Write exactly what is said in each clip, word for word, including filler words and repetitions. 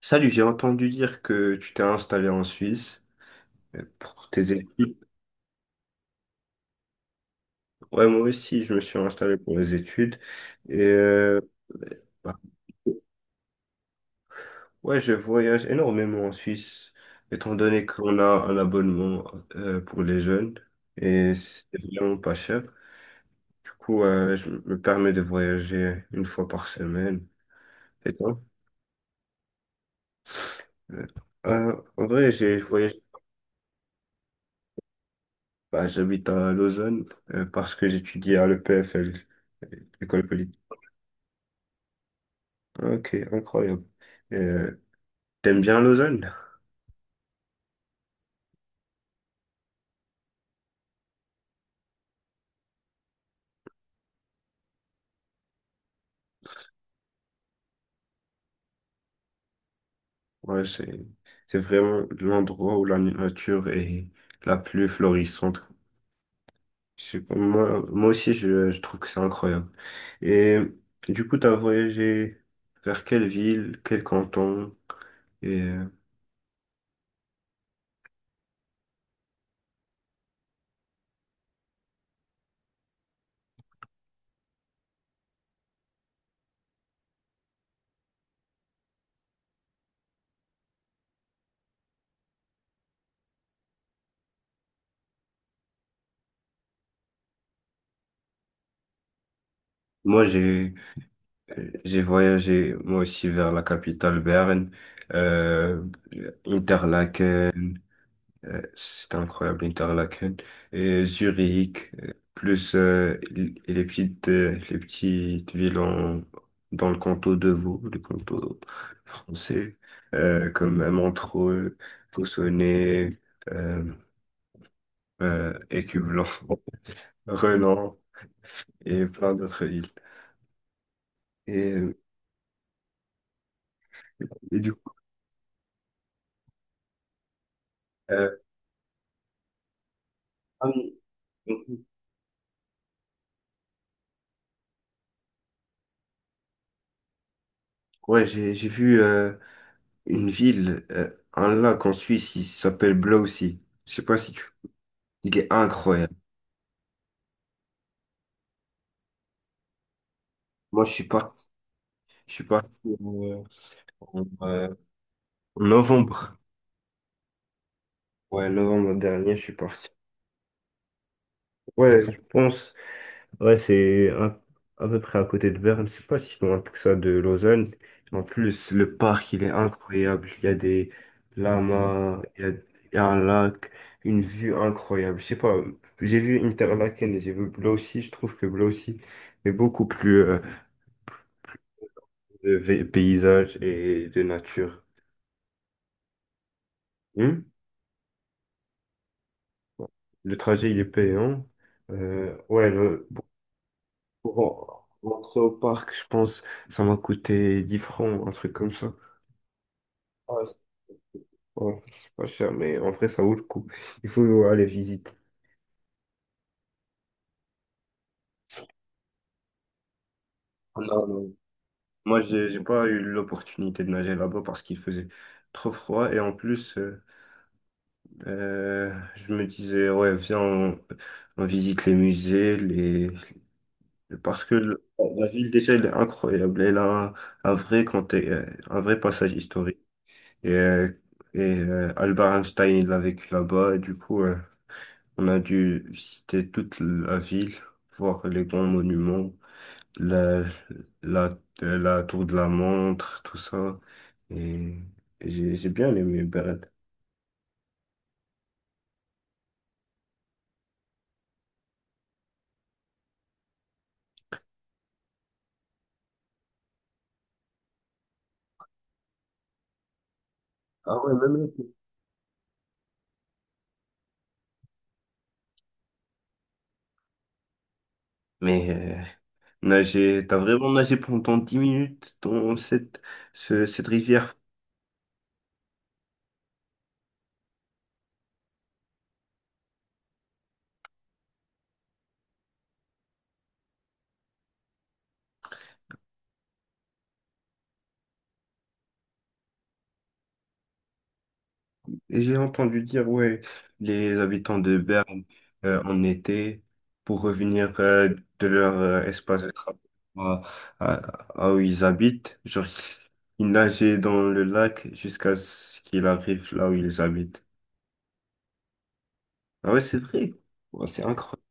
Salut, j'ai entendu dire que tu t'es installé en Suisse euh, pour tes études. Ouais, moi aussi, je me suis installé pour les études. Et euh, bah, ouais, je voyage énormément en Suisse, étant donné qu'on a un abonnement euh, pour les jeunes et c'est vraiment pas cher. Du coup, euh, je me permets de voyager une fois par semaine. Et toi? Euh, euh, en vrai, j'ai voyagé. Bah, j'habite à Lausanne euh, parce que j'étudie à l'E P F L, École polytechnique. Ok, incroyable. Euh, t'aimes bien Lausanne? Ouais, c'est, c'est vraiment l'endroit où la nature est la plus florissante. Je moi, moi aussi, je, je trouve que c'est incroyable. Et du coup, t'as voyagé vers quelle ville, quel canton? Et euh, moi, j'ai, j'ai voyagé, moi aussi, vers la capitale, Berne, euh, Interlaken. Euh, C'était incroyable, Interlaken. Et Zurich, euh, plus euh, l- et les petites, euh, les petites villes en- dans le canton de Vaud, le canton français, euh, comme euh, Montreux, Cossonay, euh, euh, Écublens, Renan et plein d'autres villes. Et, euh, et du coup, euh, ah oui, mhm. Ouais, j'ai, j'ai vu euh, une ville, euh, un lac en Suisse, il s'appelle Blausi. Je sais pas si tu... Il est incroyable. Moi, je suis parti, je suis parti euh, en euh, en novembre. Ouais, novembre dernier, je suis parti. Ouais, je pense. Ouais, c'est un- à peu près à côté de Berne. C'est pas si loin que ça de Lausanne. En plus, le parc, il est incroyable. Il y a des lamas, il y a, il y a un lac, une vue incroyable. Je sais pas, j'ai vu Interlaken, j'ai vu Blau aussi. Je trouve que Blau aussi est beaucoup plus euh, de ve- paysage et de nature. Hmm. Bon, le trajet, il est payant. Euh, ouais, le, pour, pour en- rentrer au parc, je pense, ça m'a coûté dix francs, un truc comme ça. Ouais, c'est ouais, c'est pas cher, mais en vrai, ça vaut le coup. Il faut aller visiter. Non, non. Moi, j'ai j'ai pas eu l'opportunité de nager là-bas parce qu'il faisait trop froid. Et en plus, euh, euh, je me disais, ouais, viens, on, on visite les musées, les... parce que le- la ville, déjà, elle est incroyable. Elle a un, un vrai, conte- euh, un vrai passage historique. Et, euh, et euh, Albert Einstein, il a vécu là-bas. Et du coup, euh, on a dû visiter toute la ville, voir les grands monuments, la, la, euh, la tour de la montre, tout ça. Et j'ai j'ai bien aimé Berne. Ah ouais, même l'été. Mais euh, nager, t'as vraiment nagé pendant dix minutes dans cette, ce- cette rivière. Et j'ai entendu dire, ouais, les habitants de Berne euh, en été pour revenir euh, de leur euh, espace de travail à, à- à où ils habitent. Genre, ils nageaient dans le lac jusqu'à ce qu'ils arrivent là où ils habitent. Ah ouais, c'est vrai. Ouais, c'est incroyable.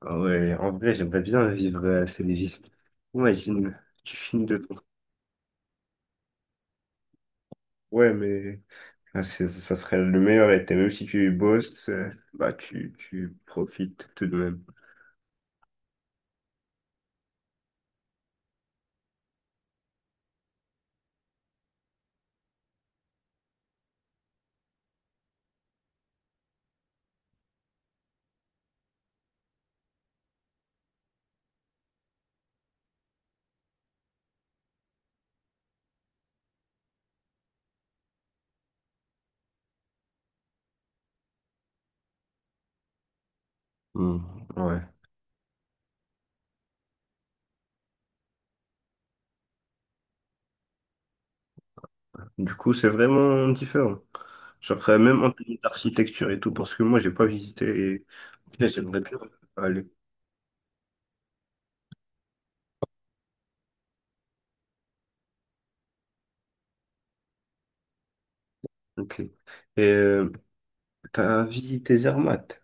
Ah ouais, en vrai, j'aimerais bien vivre euh, cette vie. Imagine, tu finis de ton... Ouais, mais ah, c'est- ça serait le meilleur été. Même si tu bosses, euh, bah, tu, tu profites tout de même. Hmm, ouais. Du coup, c'est vraiment différent. Genre, euh, même en termes d'architecture et tout, parce que moi, j'ai pas visité et là, j'aimerais bien aller. Ok. Et euh, t'as visité Zermatt?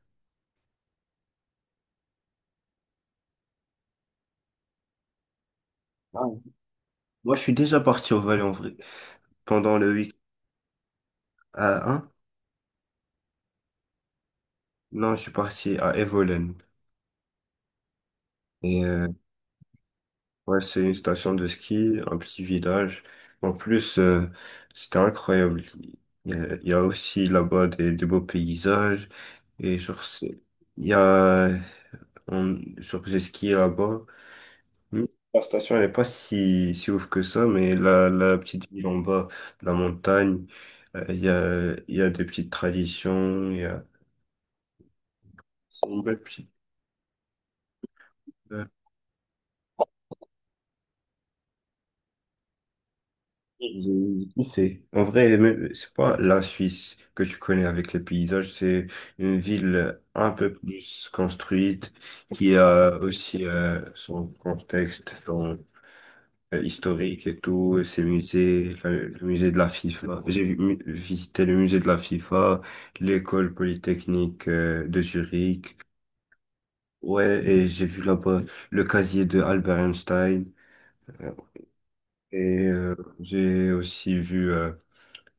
Ah oui. Moi, je suis déjà parti au Valais en vrai. Pendant le week à un non, je suis parti à Evolen. Et euh, ouais, c'est une station de ski, un petit village. En plus, euh, c'était incroyable. Il y a, il y a aussi là-bas des, des beaux paysages. Et genre, c'est- il y a, on, genre, j'ai skié là-bas. Hmm. La station, elle n'est pas si, si ouf que ça, mais la, la petite ville en bas de la montagne, euh, il y a, il y a des petites traditions, il y a... C'est une belle petite... euh, ils- ils- c'est- en vrai, mais c'est pas la Suisse que tu connais avec les paysages, c'est une ville un peu plus construite, qui a aussi euh, son contexte euh, historique et tout, ces musées, la- le musée de la FIFA. J'ai vi- mu- visité le musée de la FIFA, l'école polytechnique euh, de Zurich. Ouais, et j'ai vu là-bas le casier de Albert Einstein. Euh, Et euh, j'ai aussi vu euh,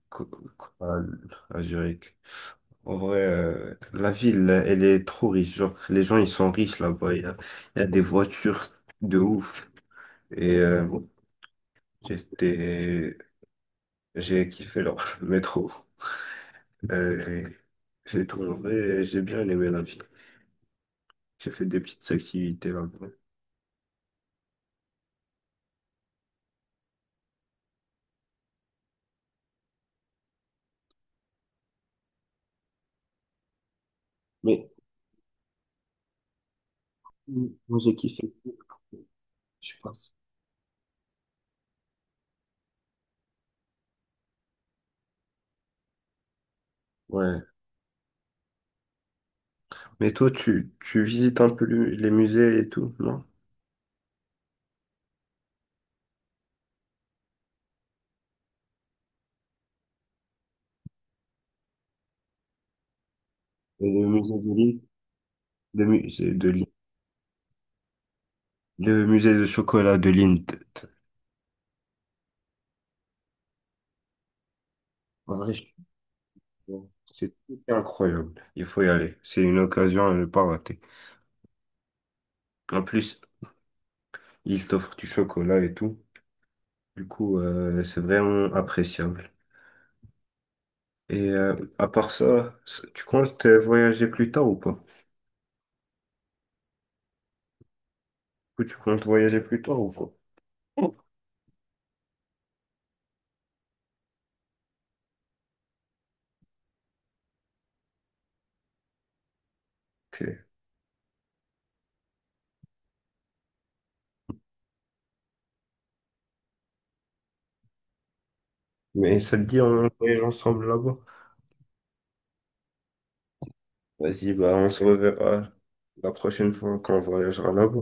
co- co- à à Zurich. En vrai, euh, la ville, elle est trop riche. Genre, les gens, ils sont riches là-bas. Il y a, il y a des voitures de ouf. Et euh, j'étais, j'ai kiffé leur métro. Euh, j'ai trouvé, j'ai bien aimé la vie. J'ai fait des petites activités là-bas. Mais mm, moi, j'ai kiffé, je pense. Ouais. Mais toi, tu, tu visites un peu le- les musées et tout, non? Et Le musée de Lille, le musée de Lille, le musée de chocolat de Lille. t- t- En vrai, je- c'est incroyable. Il faut y aller. C'est une occasion à ne pas rater. En plus, ils t'offrent du chocolat et tout. Du coup, euh, c'est vraiment appréciable. Et euh, à part ça, c- tu comptes euh, voyager plus tard ou pas? Ou tu comptes voyager plus tard ou pas? Ok. Mais ça te dit, on voyage ensemble là-bas? Vas-y, bah on se reverra la prochaine fois quand on voyagera là-bas.